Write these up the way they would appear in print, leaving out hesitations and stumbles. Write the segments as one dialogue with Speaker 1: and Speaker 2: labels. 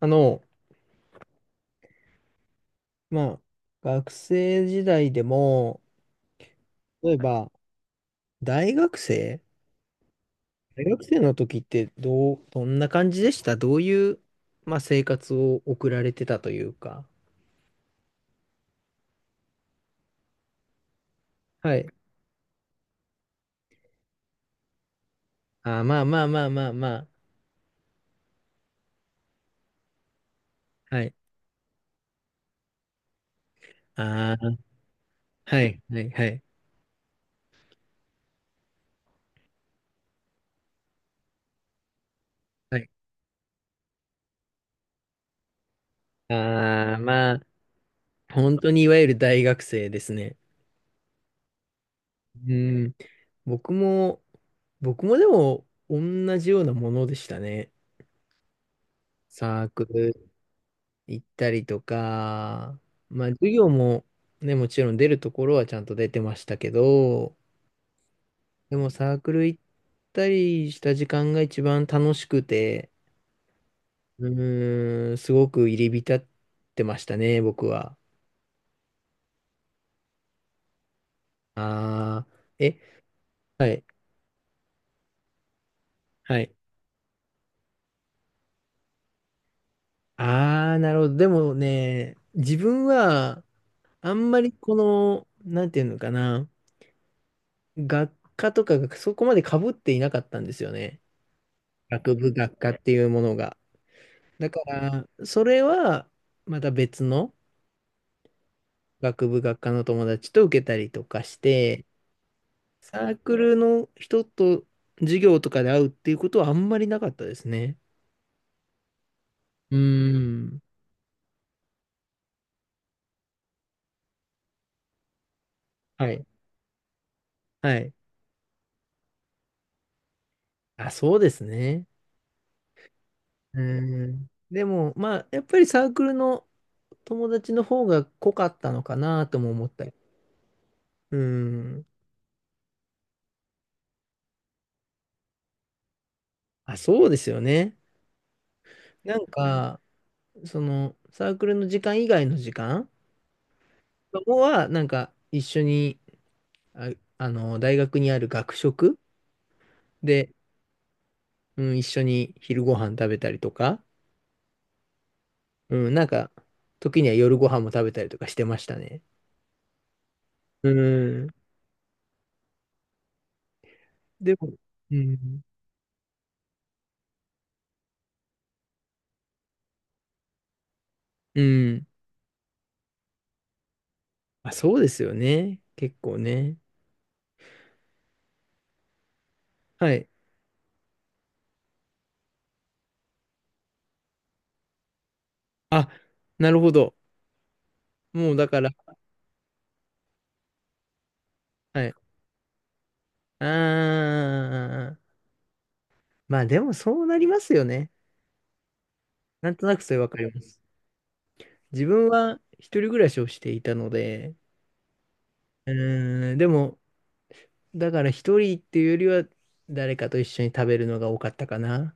Speaker 1: あの、まあ、学生時代でも、例えば、大学生大学生の時ってどう、どんな感じでしたどういう、まあ、生活を送られてたというか。はい。あー、まあまあまあまあまあ。はい。ああ、はい、はい、はい。はい。ああ、まあ、本当にいわゆる大学生ですね。うん。僕も、僕もでも、同じようなものでしたね。サークル行ったりとか、まあ授業もね、もちろん出るところはちゃんと出てましたけど、でもサークル行ったりした時間が一番楽しくて、うーん、すごく入り浸ってましたね、僕は。ああ、え、はい、はい。ああ、なるほど。でもね、自分はあんまりこの、なんていうのかな、学科とかがそこまで被っていなかったんですよね。学部学科っていうものが。だから、それは、また別の学部学科の友達と受けたりとかして、サークルの人と授業とかで会うっていうことはあんまりなかったですね。うーん。はい。はい。あ、そうですね。うーん。でも、まあ、やっぱりサークルの友達の方が濃かったのかなとも思ったり。うーん。あ、そうですよね。なんか、その、サークルの時間以外の時間は、なんか、一緒に、あ、あの、大学にある学食で、うん、一緒に昼ご飯食べたりとか、うん、なんか、時には夜ご飯も食べたりとかしてましたね。うん。でも、うん。うん。まあ、そうですよね。結構ね。はい。あ、なるほど。もうだから、はい。あー。まあでもそうなりますよね。なんとなくそれわかります。自分は一人暮らしをしていたので、うーん、でも、だから一人っていうよりは誰かと一緒に食べるのが多かったかな。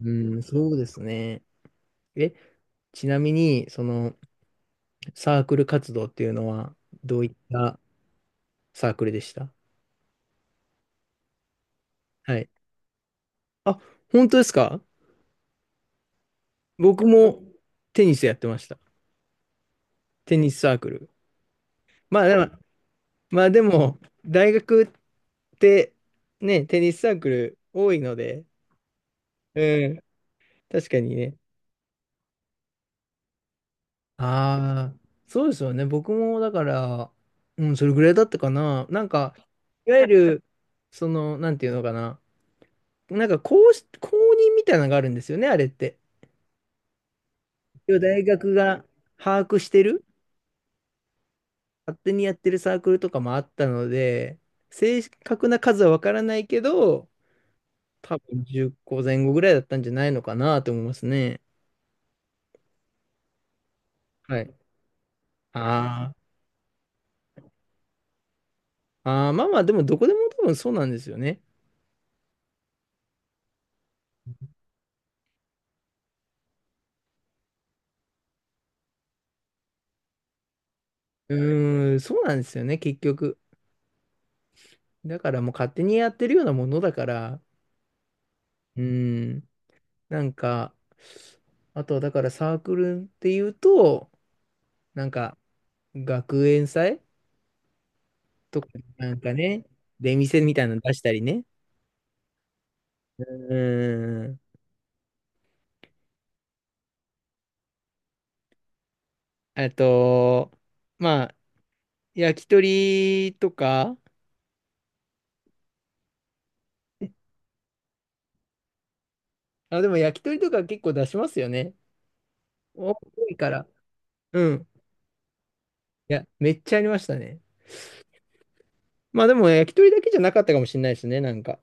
Speaker 1: うん、そうですね。え、ちなみに、そのサークル活動っていうのはどういったサークルでしたはい。あ、本当ですか？僕もテニスやってました。テニスサークル。まあでも、まあでも、大学ってね、テニスサークル多いので、うん、確かにね。ああ、そうですよね。僕もだから、うん、それぐらいだったかな。なんか、いわゆる、その、なんていうのかな。なんか公し、公認みたいなのがあるんですよね、あれって。一応大学が把握してる、勝手にやってるサークルとかもあったので、正確な数はわからないけど、多分10個前後ぐらいだったんじゃないのかなと思いますね。はい。あーあー、まあまあ、でもどこでも多分そうなんですよね。うーん、そうなんですよね、結局。だからもう勝手にやってるようなものだから、うん、なんか、あとはだからサークルっていうと、なんか学園祭とかなんかね、出店みたいなの出したりね。うん。あと、まあ、焼き鳥とか、あ、でも焼き鳥とか結構出しますよね。多いから。うん。いや、めっちゃありましたね。まあでも焼き鳥だけじゃなかったかもしれないですね、なんか。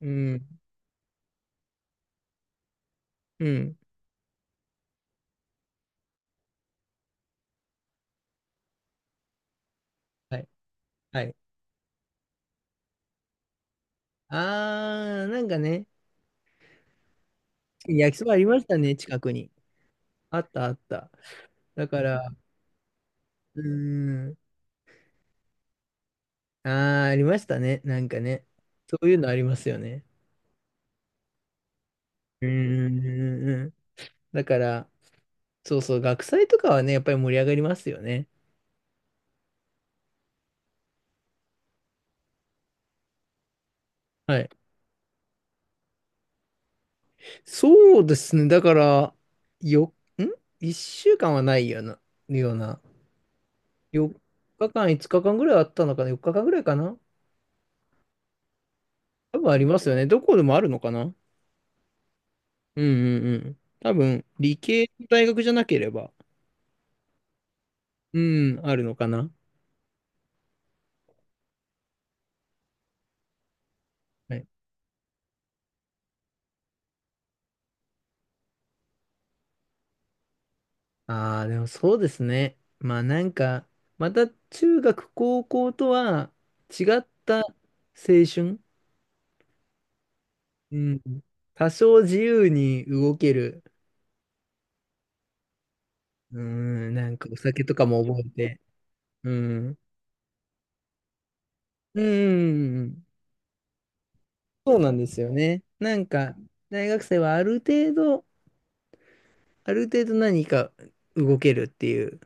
Speaker 1: うん。うん。はい。はい、あー、なんかね、焼きそばありましたね、近くに。あったあった。だから、うーん、あー、ありましたね、なんかね。そういうのありますよね。うーん。だから、そうそう、学祭とかはね、やっぱり盛り上がりますよね。はい。そうですね、だから、よ、ん？ 1 週間はないような、ような。4日間、5日間ぐらいあったのかな？ 4 日間ぐらいかな？多分ありますよね。どこでもあるのかな？うんうんうん。多分、理系の大学じゃなければ、うん、あるのかな。はい。ああ、でもそうですね。まあなんか、また中学、高校とは違った青春。うん。多少自由に動ける。うん、なんかお酒とかも覚えて。うん。うんうんうん。そうなんですよね。なんか、大学生はある程度、ある程度何か動けるっていう。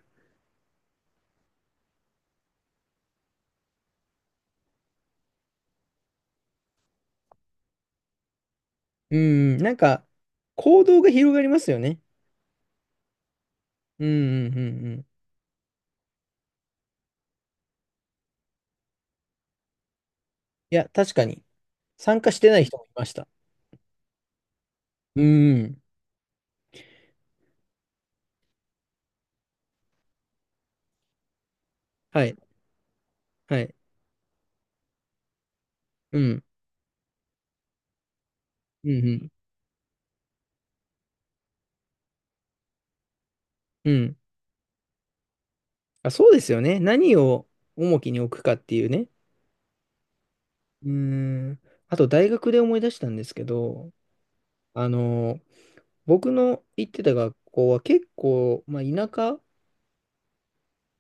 Speaker 1: うん、なんか、行動が広がりますよね。うん、うん、うん、うん。いや、確かに。参加してない人もいました。うん。はい、はい。うん、うん、うん。うん、あ、そうですよね。何を重きに置くかっていうね。うん。あと、大学で思い出したんですけど、あの、僕の行ってた学校は結構、まあ、田舎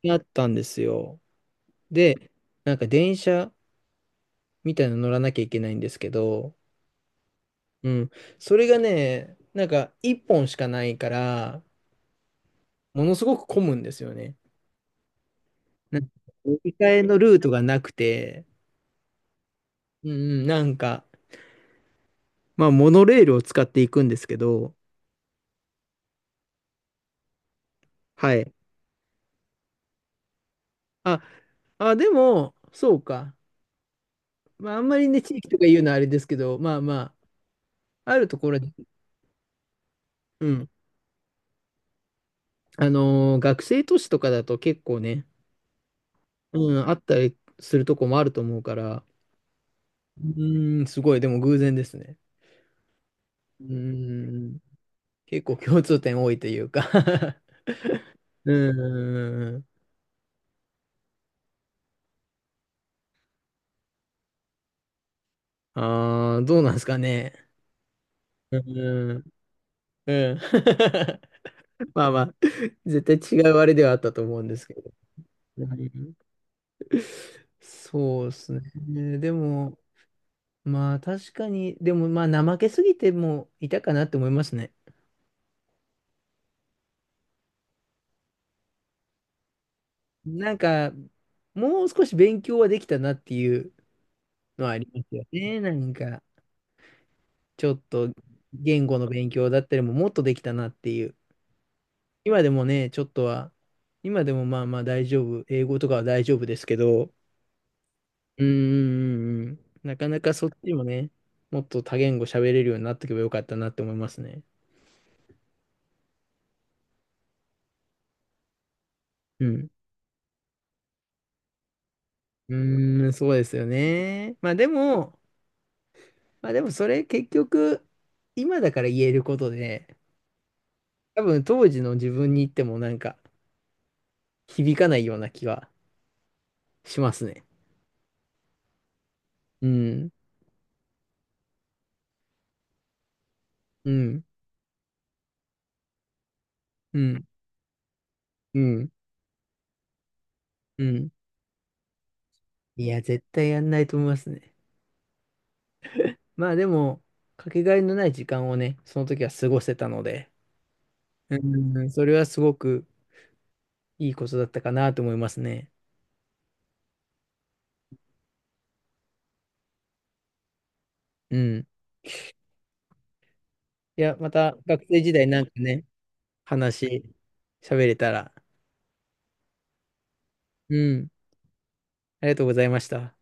Speaker 1: にあったんですよ。で、なんか電車みたいなの乗らなきゃいけないんですけど、うん。それがね、なんか一本しかないから、ものすごく混むんですよね。なんか乗り換えのルートがなくて、うんうん、なんか、まあ、モノレールを使っていくんですけど、はい。あ、あ、でも、そうか。まあ、あんまりね、地域とか言うのはあれですけど、まあまあ、あるところで、うん。あのー学生都市とかだと結構ね、うん、あったりするとこもあると思うから、うん、すごい、でも偶然ですね。うん。結構共通点多いというか うんうんうん。ああ、どうなんですかね。うん。うんうん。まあまあ、絶対違うあれではあったと思うんですけど。うん、そうですね。でも、まあ確かに、でもまあ怠けすぎてもいたかなって思いますね。なんか、もう少し勉強はできたなっていうのはありますよね。なんか、ちょっと言語の勉強だったりももっとできたなっていう。今でもね、ちょっとは、今でもまあまあ大丈夫。英語とかは大丈夫ですけど、うんうんうんうん。なかなかそっちもね、もっと多言語喋れるようになっておけばよかったなって思いますね。うん。うーん、そうですよね。まあでも、まあでもそれ結局、今だから言えることで、多分当時の自分に言ってもなんか響かないような気がしますね。うん、うん、うん、うん、うん。いや、絶対やんないと思いますね。まあでも、かけがえのない時間をね、その時は過ごせたので、うん、それはすごくいいことだったかなと思いますね。うん。いや、また学生時代なんかね、話、喋れたら、うん、ありがとうございました。